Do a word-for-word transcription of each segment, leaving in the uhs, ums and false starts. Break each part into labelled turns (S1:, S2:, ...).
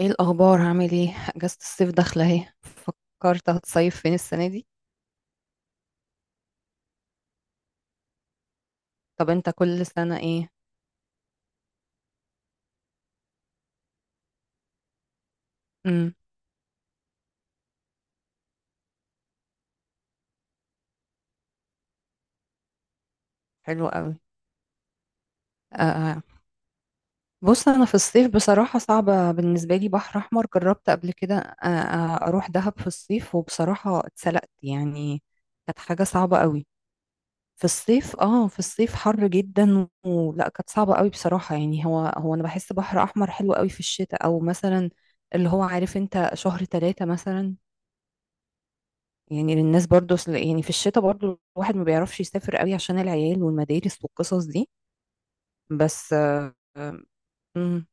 S1: ايه الاخبار؟ هعمل ايه؟ اجازة الصيف داخلة اهي، فكرت هتصيف فين السنة دي؟ طب انت كل سنة ايه؟ امم. حلو قوي. آه، بص. انا في الصيف بصراحة صعبة بالنسبة لي، بحر احمر جربت قبل كده، آه آه، اروح دهب في الصيف وبصراحة اتسلقت يعني. كانت حاجة صعبة قوي. في الصيف اه في الصيف حر جدا ولا كانت صعبة قوي؟ بصراحة يعني، هو هو انا بحس بحر احمر حلو قوي في الشتاء، او مثلا اللي هو، عارف انت، شهر ثلاثة مثلا. يعني للناس برضو، أصل- يعني في الشتاء برضو الواحد ما بيعرفش يسافر قوي عشان العيال والمدارس والقصص دي بس. آه، آه، مم،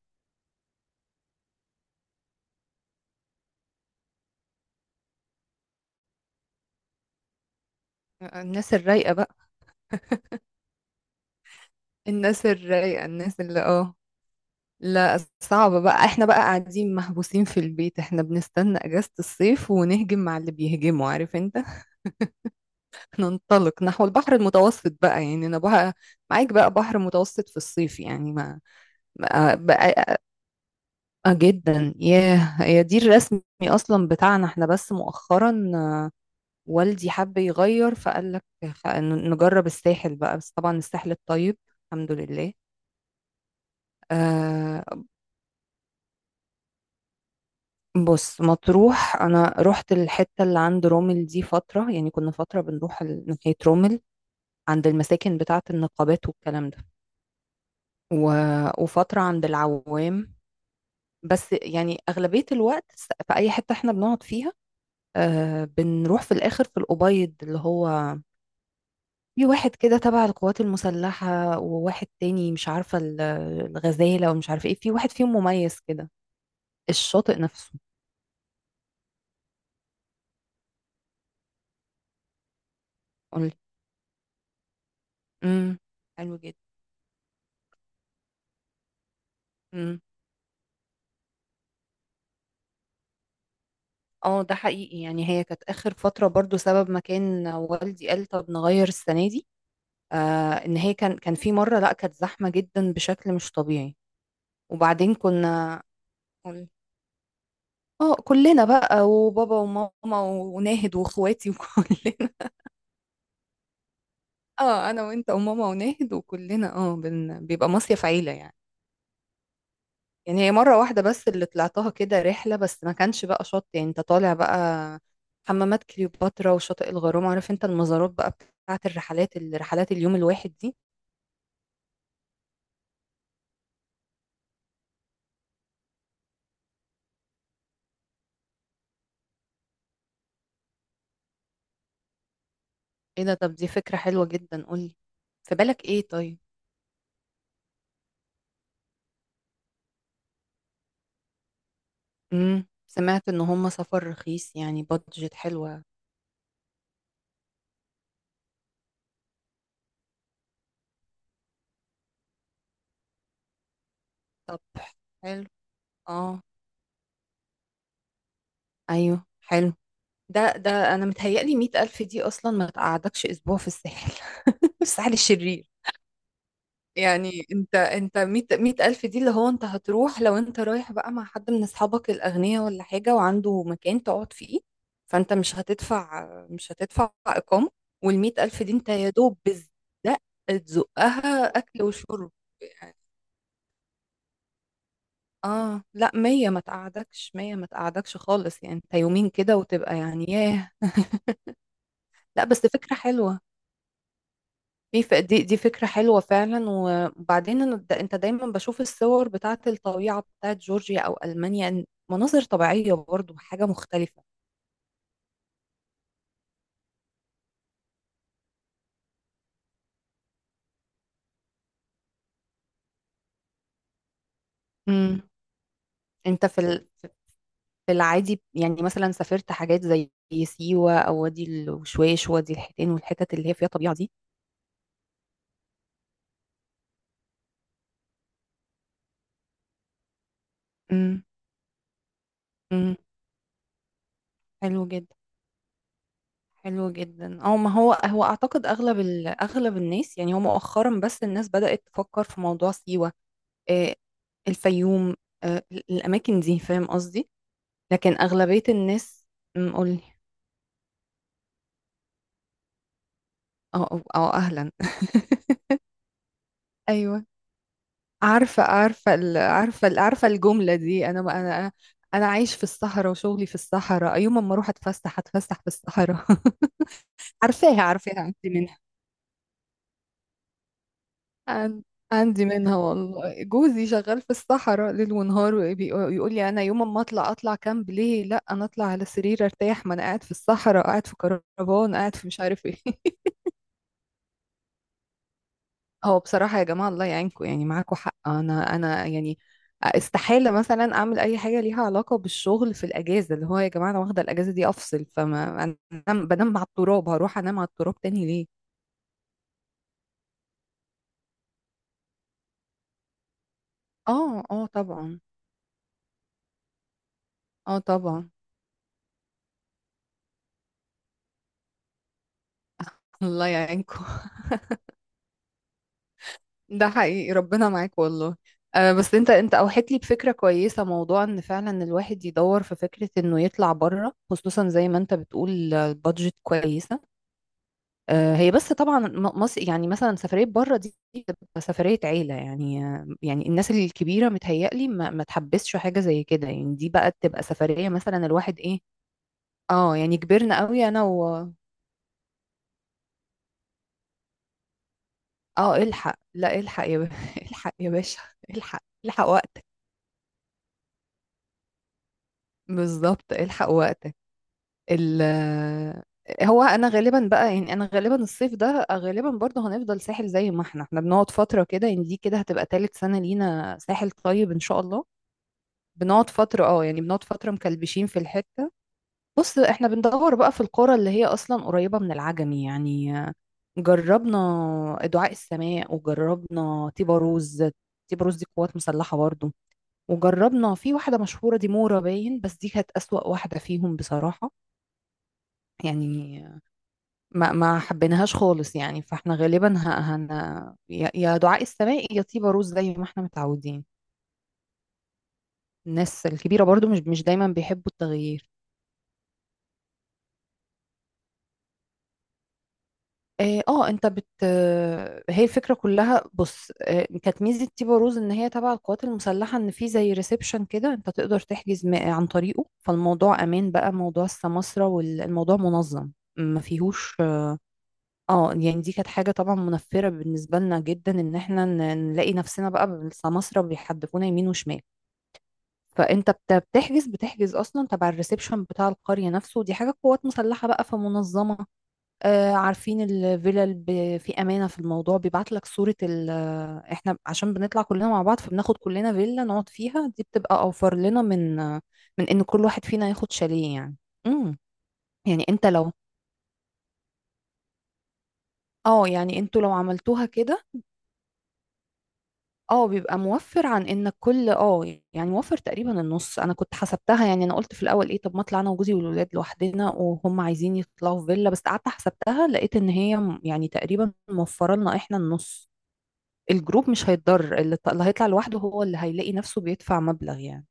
S1: الناس الرايقة بقى. الناس الرايقة الناس اللي اه لا، صعبة بقى، احنا بقى قاعدين محبوسين في البيت، احنا بنستنى اجازة الصيف ونهجم مع اللي بيهجموا، عارف انت. ننطلق نحو البحر المتوسط بقى، يعني انا بقى معاك، بقى بحر متوسط في الصيف، يعني ما بقى, بقى. اه جدا! ياه، هي دي الرسمي اصلا بتاعنا احنا، بس مؤخرا آه، والدي حب يغير فقال لك خ- ن- نجرب الساحل بقى، بس طبعا الساحل الطيب. الحمد لله. آه، بص. مطروح انا رحت الحتة اللي عند رومل دي فترة، يعني كنا فترة بنروح ال- ناحية رومل، عند المساكن بتاعة النقابات والكلام ده. و... وفترة عند العوام. بس يعني أغلبية الوقت، س- في أي حتة احنا بنقعد فيها، آه بنروح في الآخر في الأبيض اللي هو، في واحد كده تبع القوات المسلحة، وواحد تاني مش عارفة ال- الغزالة، ومش عارفة ايه، في واحد فيهم مميز كده. الشاطئ نفسه. قولي. امم. حلو جدا. امم. اه، ده حقيقي يعني، هي كانت آخر فترة برضو سبب ما كان والدي قال طب نغير السنة دي. آه، ان هي كان كان في مرة، لا، كانت زحمة جدا بشكل مش طبيعي. وبعدين كنا. قولي. اه، كلنا بقى، وبابا وماما وناهد واخواتي وكلنا. اه، انا وانت وماما وناهد وكلنا، اه، بن... بيبقى مصيف عيله يعني. يعني هي مره واحده بس اللي طلعتها كده رحله، بس ما كانش بقى شط يعني، انت طالع بقى حمامات كليوباترا وشاطئ الغرام، عارف انت، المزارات بقى، بتاعت الرحلات الرحلات اليوم الواحد دي. ايه ده؟ طب دي فكره حلوه جدا. قولي، في بالك ايه طيب؟ امم سمعت ان هم سفر رخيص يعني، بادجت حلوه. طب، حلو. اه. ايوه، حلو. ده ده انا متهيألي مية ألف دي اصلا ما تقعدكش اسبوع في الساحل، الساحل الشرير. يعني انت انت مية مية ألف دي اللي هو، انت هتروح لو انت رايح بقى مع حد من أصحابك الأغنياء ولا حاجة وعنده مكان تقعد فيه، فانت مش هتدفع مش هتدفع إقامة. والمية ألف دي انت يا دوب بالزق تزقها أكل وشرب يعني. اه، لا، مية ما تقعدكش مية ما تقعدكش خالص يعني، انت يومين كده وتبقى يعني، ياه. لا بس فكرة حلوة، دي ف- دي دي فكرة حلوة فعلا. وبعدين أنا د- انت دايما بشوف الصور بتاعت الطبيعة بتاعت جورجيا او المانيا، إن مناظر طبيعية برضو حاجة مختلفة. امم. انت في ال- في العادي يعني، مثلا سافرت حاجات زي سيوة او وادي الوشواش، وادي الحيتان، والحتت اللي هي فيها طبيعة دي؟ امم. امم، حلو جدا. حلو جدا. او ما هو هو اعتقد اغلب ال- اغلب الناس يعني، هو مؤخرا بس الناس بدأت تفكر في موضوع سيوة، آه، الفيوم، آه، الأماكن دي، فاهم قصدي. لكن أغلبية الناس، أم، قولي. أو أو أو أهلا. أيوة. عارفة عارفة ال- عارفة ال- عارفة الجملة دي. أنا أنا أنا عايش في الصحراء وشغلي في الصحراء، يوم ما أروح أتفسح أتفسح في الصحراء. عارفاها عارفاها أنت منها. عن- عندي منها والله، جوزي شغال في الصحراء ليل ونهار، ويقول لي: انا يوم ما اطلع، اطلع كامب ليه؟ لا، انا اطلع على سرير ارتاح، ما انا قاعد في الصحراء، قاعد في كربان، قاعد في مش عارف ايه. هو بصراحة يا جماعة، الله يعينكم، يعني معاكم حق، انا انا يعني استحالة مثلا اعمل اي حاجة ليها علاقة بالشغل في الاجازة، اللي هو يا جماعة انا واخدة الاجازة دي افصل، فما انا بنام على التراب هروح انام على التراب تاني ليه؟ اه، اه، طبعا. اه، طبعا. الله يعينكم. ده حقيقي، ربنا معاك والله. أه، بس انت انت اوحيت لي بفكره كويسه، موضوع ان فعلا الواحد يدور في فكره انه يطلع بره، خصوصا زي ما انت بتقول، آه، البادجت كويصه. أه، هي بس طبعا م- مصر، يعني مثلا سفريه بره دي بتبقى سفريه عيله يعني، آه، يعني الناس الكبيره متهيألي ما, ما تحبسش حاجه زي كده يعني، دي بقى تبقى سفريه مثلا الواحد ايه. اه يعني كبرنا قوي، انا و... اه، الحق، لا الحق يا ب... الحق يا باشا. الحق الحق وقتك. بالظبط، الحق وقتك. ال هو انا غالبا بقى، يعني انا غالبا الصيف ده غالبا برضه هنفضل ساحل، زي ما احنا احنا بنقعد فتره كده، يعني دي كده هتبقى تالت سنه لينا ساحل طيب ان شاء الله. بنقعد فتره، اه يعني بنقعد فتره مكلبشين في الحته. بص، احنا بندور بقى في القرى اللي هي اصلا قريبه من العجمي يعني. جربنا دعاء السماء، وجربنا تيباروز. تيباروز دي قوات مسلحه برضه. وجربنا في واحده مشهوره دي، مورا باين، بس دي كانت اسوأ واحده فيهم بصراحه. يعني ما ما حبيناهاش خالص يعني، فاحنا غالبا ه- هن يا يا دعاء السماء يا طيبة روز، زي ما احنا متعودين. الناس الكبيرة برضو مش مش دايما بيحبوا التغيير. اه، آه، انت بت آه، هي الفكرة كلها. بص، آه، كانت ميزة طيبة روز ان هي تبع القوات المسلحة، ان في زي ريسبشن كده انت تقدر تحجز م- عن طريقه، فالموضوع امان بقى، موضوع السماسرة، والموضوع منظم، ما فيهوش. اه، يعني دي كانت حاجة طبعا منفرة بالنسبة لنا جدا، ان احنا ن- نلاقي نفسنا بقى بالسماسرة بيحدفونا يمين وشمال. فانت بت- بتحجز بتحجز اصلا تبع الريسبشن بتاع القرية نفسه، ودي حاجة قوات مسلحة بقى، في منظمة. آه، عارفين الفلل ب- في امانة في الموضوع، بيبعت لك صورة ال آه، احنا عشان بنطلع كلنا مع بعض فبناخد كلنا فيلا نقعد فيها، دي بتبقى اوفر لنا من آه، من ان كل واحد فينا ياخد شاليه يعني. امم. يعني انت لو، اه يعني انتوا لو عملتوها كده، اه بيبقى موفر عن انك كل، اه يعني موفر تقريبا النص. انا كنت حسبتها، يعني انا قلت في الاول: ايه، طب ما اطلع انا وجوزي والولاد لوحدنا، وهم عايزين يطلعوا في فيلا، بس قعدت حسبتها لقيت ان هي م- يعني تقريبا موفره لنا احنا النص. الجروب مش هيتضر، اللي ط- اللي هيطلع لوحده هو اللي هيلاقي نفسه بيدفع مبلغ يعني.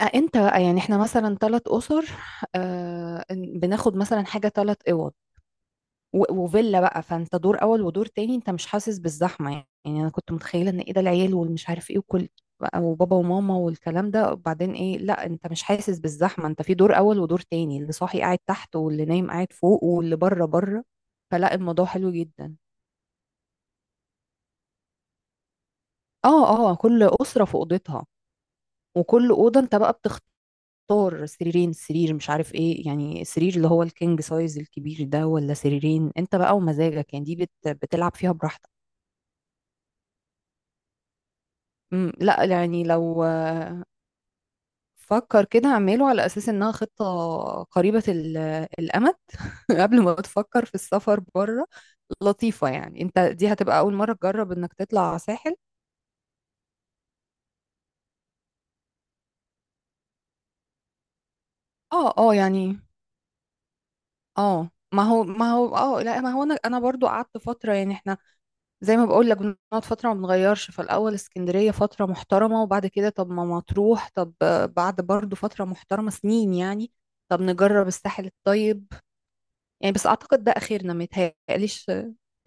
S1: أه، انت يعني احنا مثلا ثلاث اسر، آه، بناخد مثلا حاجه ثلاث، و- وفيلا بقى، فانت دور اول ودور تاني، انت مش حاسس بالزحمه يعني. يعني انا كنت متخيله ان ايه، ده العيال والمش عارف ايه، وكل بقى، وبابا وماما والكلام ده، وبعدين ايه، لا، انت مش حاسس بالزحمه، انت في دور اول ودور تاني، اللي صاحي قاعد تحت، واللي نايم قاعد فوق، واللي بره بره. فلا، الموضوع حلو جدا. اه، اه، كل اسره في اوضتها، وكل اوضه انت بقى بتختار سريرين سرير مش عارف ايه، يعني السرير اللي هو الكينج سايز الكبير ده، ولا سريرين، انت بقى ومزاجك، يعني دي بت... بتلعب فيها براحتك. مم، لا يعني لو آه، فكر كده اعمله على اساس انها خطة قريبة ال- الامد، قبل ما تفكر في السفر بره. لطيفة يعني، انت دي هتبقى اول مرة تجرب انك تطلع ساحل. اه، اه يعني، اه، ما هو، ما هو، اه لا، ما هو انا انا برضو قعدت فترة، يعني احنا زي ما بقول لك بنقعد فترة ما بنغيرش، فالاول اسكندرية فترة محترمة، وبعد كده طب ما مطروح، طب آه، بعد برضو فترة محترمة سنين يعني، طب نجرب الساحل الطيب. يعني بس اعتقد ده اخرنا ما يتهيأليش.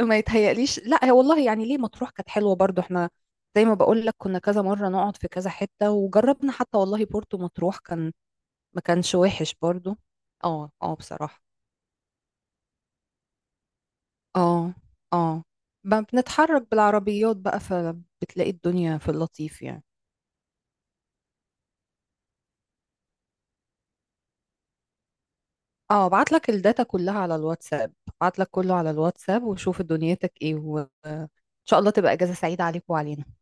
S1: ما يتهيأليش، لا هي والله يعني ليه، مطروح كانت حلوه برضو، احنا زي ما بقول لك كنا كذا مره نقعد في كذا حته، وجربنا حتى والله بورتو مطروح كان ما كانش وحش برضو. اه، اه، بصراحه، اه، اه، ب- بنتحرك بالعربيات بقى، فبتلاقي الدنيا في اللطيف يعني. اه، ابعت لك الداتا كلها على الواتساب، ابعت لك كله على الواتساب، وشوف دنيتك ايه، وان شاء الله تبقى اجازه سعيده عليك وعلينا.